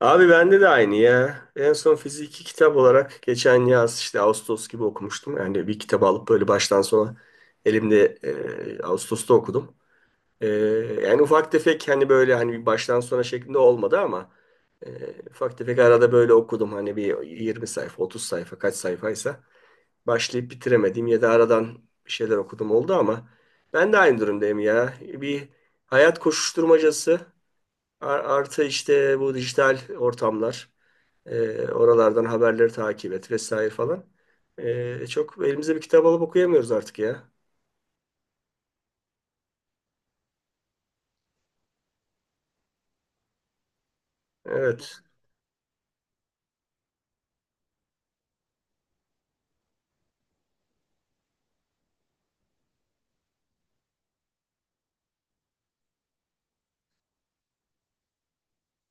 Abi bende de aynı ya. En son fiziki kitap olarak geçen yaz işte Ağustos gibi okumuştum. Yani bir kitabı alıp böyle baştan sona elimde Ağustos'ta okudum. E, Yani ufak tefek hani böyle hani bir baştan sona şeklinde olmadı ama e, ufak tefek arada böyle okudum. Hani bir 20 sayfa 30 sayfa kaç sayfaysa başlayıp bitiremedim ya da aradan bir şeyler okudum oldu ama ben de aynı durumdayım ya. Bir hayat koşuşturmacası artı işte bu dijital ortamlar. Oralardan haberleri takip et vesaire falan. Çok elimizde bir kitap alıp okuyamıyoruz artık ya. Evet.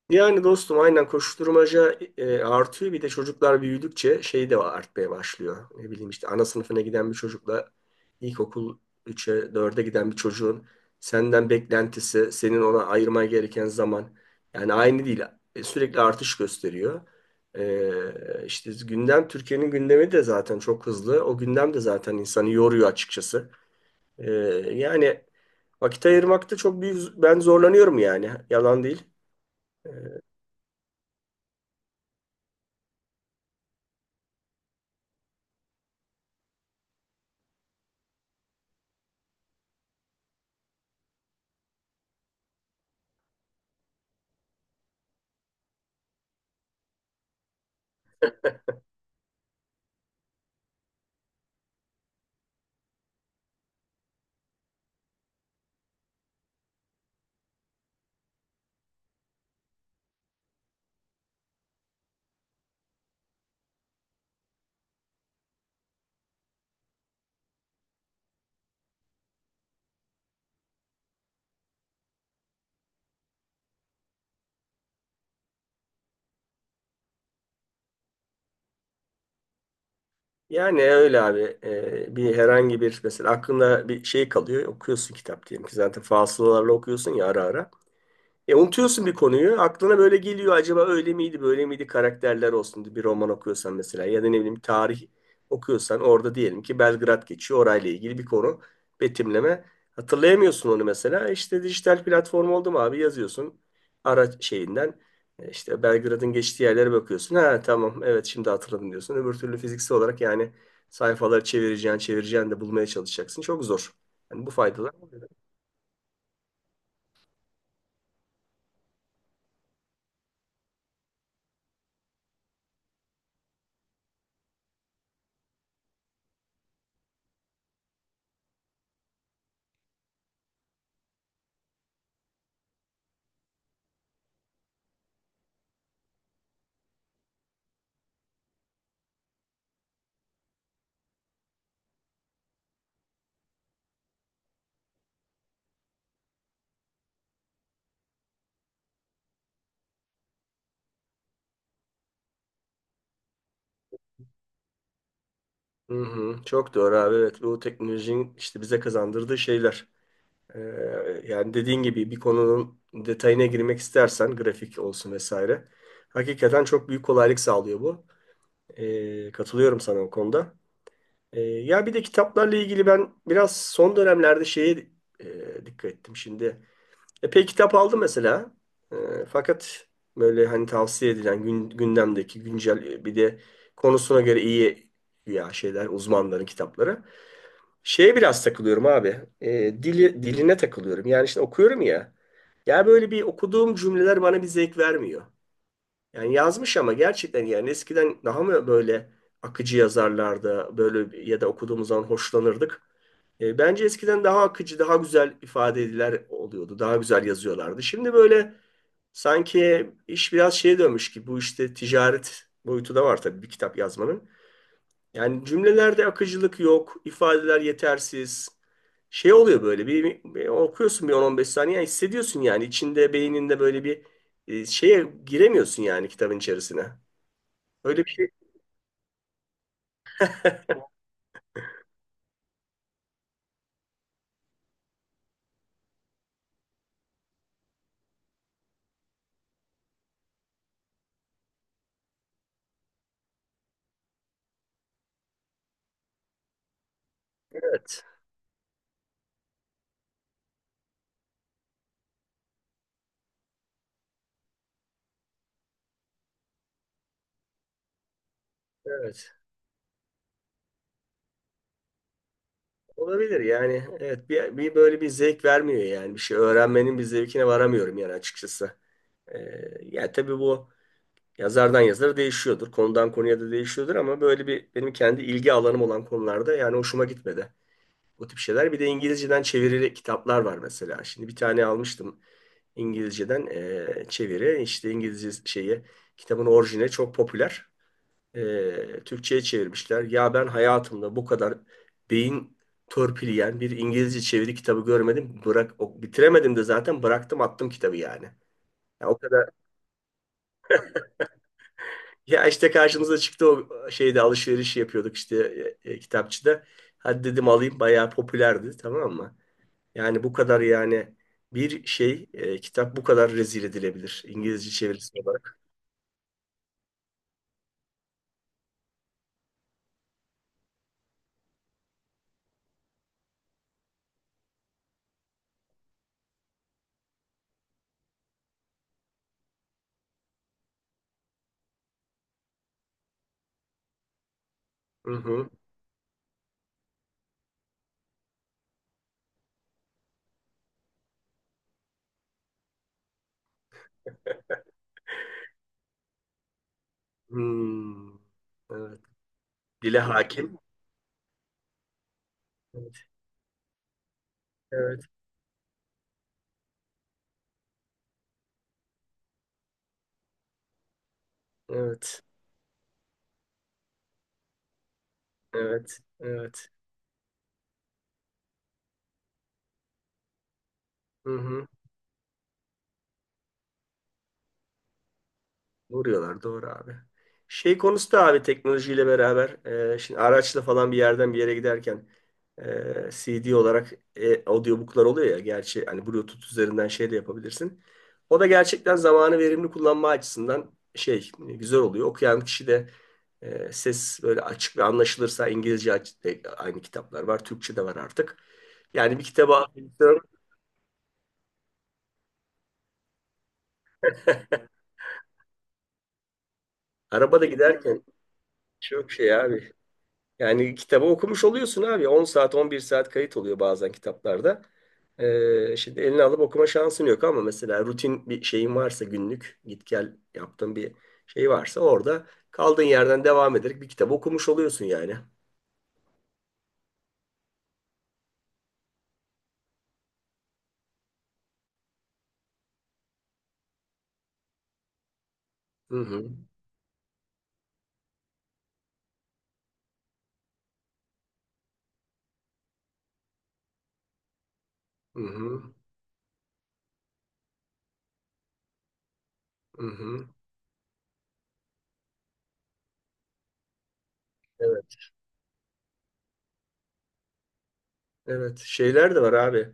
Yani dostum aynen koşuşturmaca artıyor. Bir de çocuklar büyüdükçe şey de artmaya başlıyor. Ne bileyim işte ana sınıfına giden bir çocukla ilkokul 3'e dörde giden bir çocuğun senden beklentisi, senin ona ayırman gereken zaman yani aynı değil. Sürekli artış gösteriyor. İşte gündem Türkiye'nin gündemi de zaten çok hızlı. O gündem de zaten insanı yoruyor açıkçası. E, Yani vakit ayırmakta çok büyük ben zorlanıyorum yani. Yalan değil. Yani öyle abi. Bir herhangi bir mesela aklında bir şey kalıyor okuyorsun kitap diyelim ki zaten fasılalarla okuyorsun ya ara ara. Unutuyorsun bir konuyu. Aklına böyle geliyor acaba öyle miydi böyle miydi karakterler olsun diye bir roman okuyorsan mesela ya da ne bileyim tarih okuyorsan orada diyelim ki Belgrad geçiyor orayla ilgili bir konu betimleme. Hatırlayamıyorsun onu mesela. İşte dijital platform oldu mu abi yazıyorsun araç şeyinden. İşte Belgrad'ın geçtiği yerlere bakıyorsun. Ha tamam evet şimdi hatırladım diyorsun. Öbür türlü fiziksel olarak yani sayfaları çevireceğin de bulmaya çalışacaksın. Çok zor. Yani bu faydalar. Hı hı, çok doğru abi evet bu teknolojinin işte bize kazandırdığı şeyler. Ee, Yani dediğin gibi bir konunun detayına girmek istersen grafik olsun vesaire. Hakikaten çok büyük kolaylık sağlıyor bu. Katılıyorum sana o konuda. Ya bir de kitaplarla ilgili ben biraz son dönemlerde şeye dikkat ettim şimdi. Epey kitap aldım mesela. Fakat böyle hani tavsiye edilen gündemdeki güncel bir de konusuna göre iyi ya şeyler uzmanların kitapları. Şeye biraz takılıyorum abi. Diline takılıyorum. Yani şimdi okuyorum ya. Ya böyle bir okuduğum cümleler bana bir zevk vermiyor. Yani yazmış ama gerçekten yani eskiden daha mı böyle akıcı yazarlarda böyle ya da okuduğumuz zaman hoşlanırdık. Bence eskiden daha akıcı, daha güzel ifade ediler oluyordu. Daha güzel yazıyorlardı. Şimdi böyle sanki iş biraz şeye dönmüş ki bu işte ticaret boyutu da var tabii bir kitap yazmanın. Yani cümlelerde akıcılık yok, ifadeler yetersiz. Şey oluyor böyle bir okuyorsun bir 10-15 saniye yani hissediyorsun yani içinde beyninde böyle bir şeye giremiyorsun yani kitabın içerisine. Öyle bir şey. Evet. Evet. Olabilir yani. Evet bir böyle bir zevk vermiyor yani bir şey öğrenmenin bir zevkine varamıyorum yani açıkçası. Ee, Yani tabii bu yazardan yazara değişiyordur. Konudan konuya da değişiyordur ama böyle bir benim kendi ilgi alanım olan konularda yani hoşuma gitmedi. O tip şeyler. Bir de İngilizceden çevirili kitaplar var mesela. Şimdi bir tane almıştım İngilizceden çeviri. İşte İngilizce şeyi kitabın orijine çok popüler. Türkçe'ye çevirmişler. Ya ben hayatımda bu kadar beyin törpüleyen bir İngilizce çeviri kitabı görmedim. Bırak, bitiremedim de zaten bıraktım attım kitabı yani. Ya o kadar ya işte karşımıza çıktı o şeyde alışveriş yapıyorduk işte kitapçıda. Hadi dedim alayım bayağı popülerdi tamam mı? Yani bu kadar yani bir şey kitap bu kadar rezil edilebilir İngilizce çevirisi olarak. Hı hı. Hmm. Evet. Dile hakim. Evet. Evet. Evet. Evet. Evet. Hı hı. Vuruyorlar doğru abi. Şey konusu da abi teknolojiyle beraber şimdi araçla falan bir yerden bir yere giderken CD olarak audiobooklar oluyor ya gerçi hani Bluetooth üzerinden şey de yapabilirsin. O da gerçekten zamanı verimli kullanma açısından şey güzel oluyor. Okuyan kişi de ses böyle açık ve anlaşılırsa İngilizce de aynı kitaplar var. Türkçe de var artık. Yani bir kitaba arabada giderken çok şey abi. Yani kitabı okumuş oluyorsun abi. 10 saat 11 saat kayıt oluyor bazen kitaplarda. Şimdi eline alıp okuma şansın yok ama mesela rutin bir şeyin varsa günlük git gel yaptığın bir şey varsa orada kaldığın yerden devam ederek bir kitabı okumuş oluyorsun yani. Hı hı. Hı hı. Hı hı. Evet. Evet. Şeyler de var abi.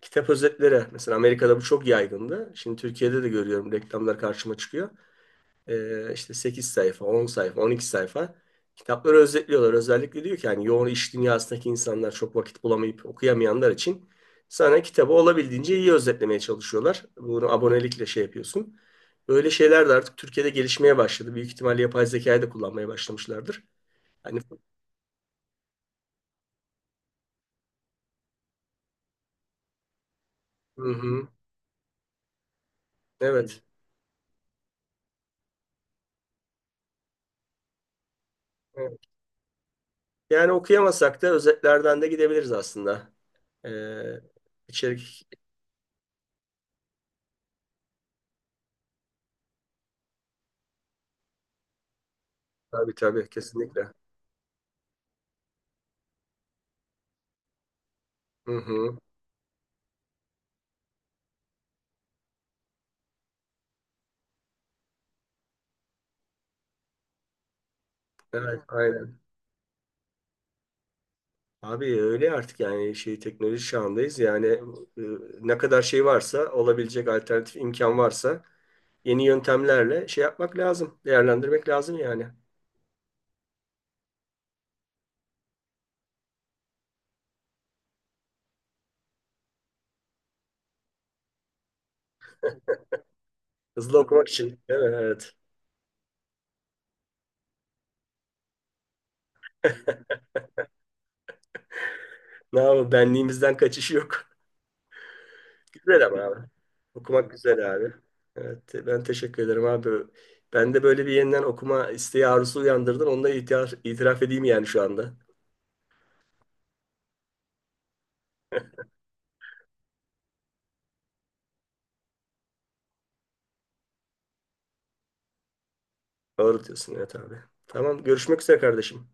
Kitap özetleri. Mesela Amerika'da bu çok yaygındı. Şimdi Türkiye'de de görüyorum reklamlar karşıma çıkıyor. İşte 8 sayfa, 10 sayfa, 12 sayfa kitapları özetliyorlar. Özellikle diyor ki hani yoğun iş dünyasındaki insanlar çok vakit bulamayıp okuyamayanlar için sana kitabı olabildiğince iyi özetlemeye çalışıyorlar. Bunu abonelikle şey yapıyorsun. Böyle şeyler de artık Türkiye'de gelişmeye başladı. Büyük ihtimalle yapay zekayı da kullanmaya başlamışlardır. Hani hı hı, evet. Evet. Yani okuyamasak da özetlerden de gidebiliriz aslında. Ee, içerik tabii tabii kesinlikle. Hı hı, evet aynen. Abi öyle artık yani şey teknoloji çağındayız. Yani e, ne kadar şey varsa olabilecek alternatif imkan varsa yeni yöntemlerle şey yapmak lazım. Değerlendirmek lazım yani. Hızlı okumak için. Değil mi? Evet. Ne yapalım benliğimizden kaçış yok. Güzel ama abi. Okumak güzel abi. Evet ben teşekkür ederim abi. Ben de böyle bir yeniden okuma isteği arzusu uyandırdın. Onunla itiraf edeyim yani şu anda. Doğru diyorsun evet abi. Tamam görüşmek üzere kardeşim.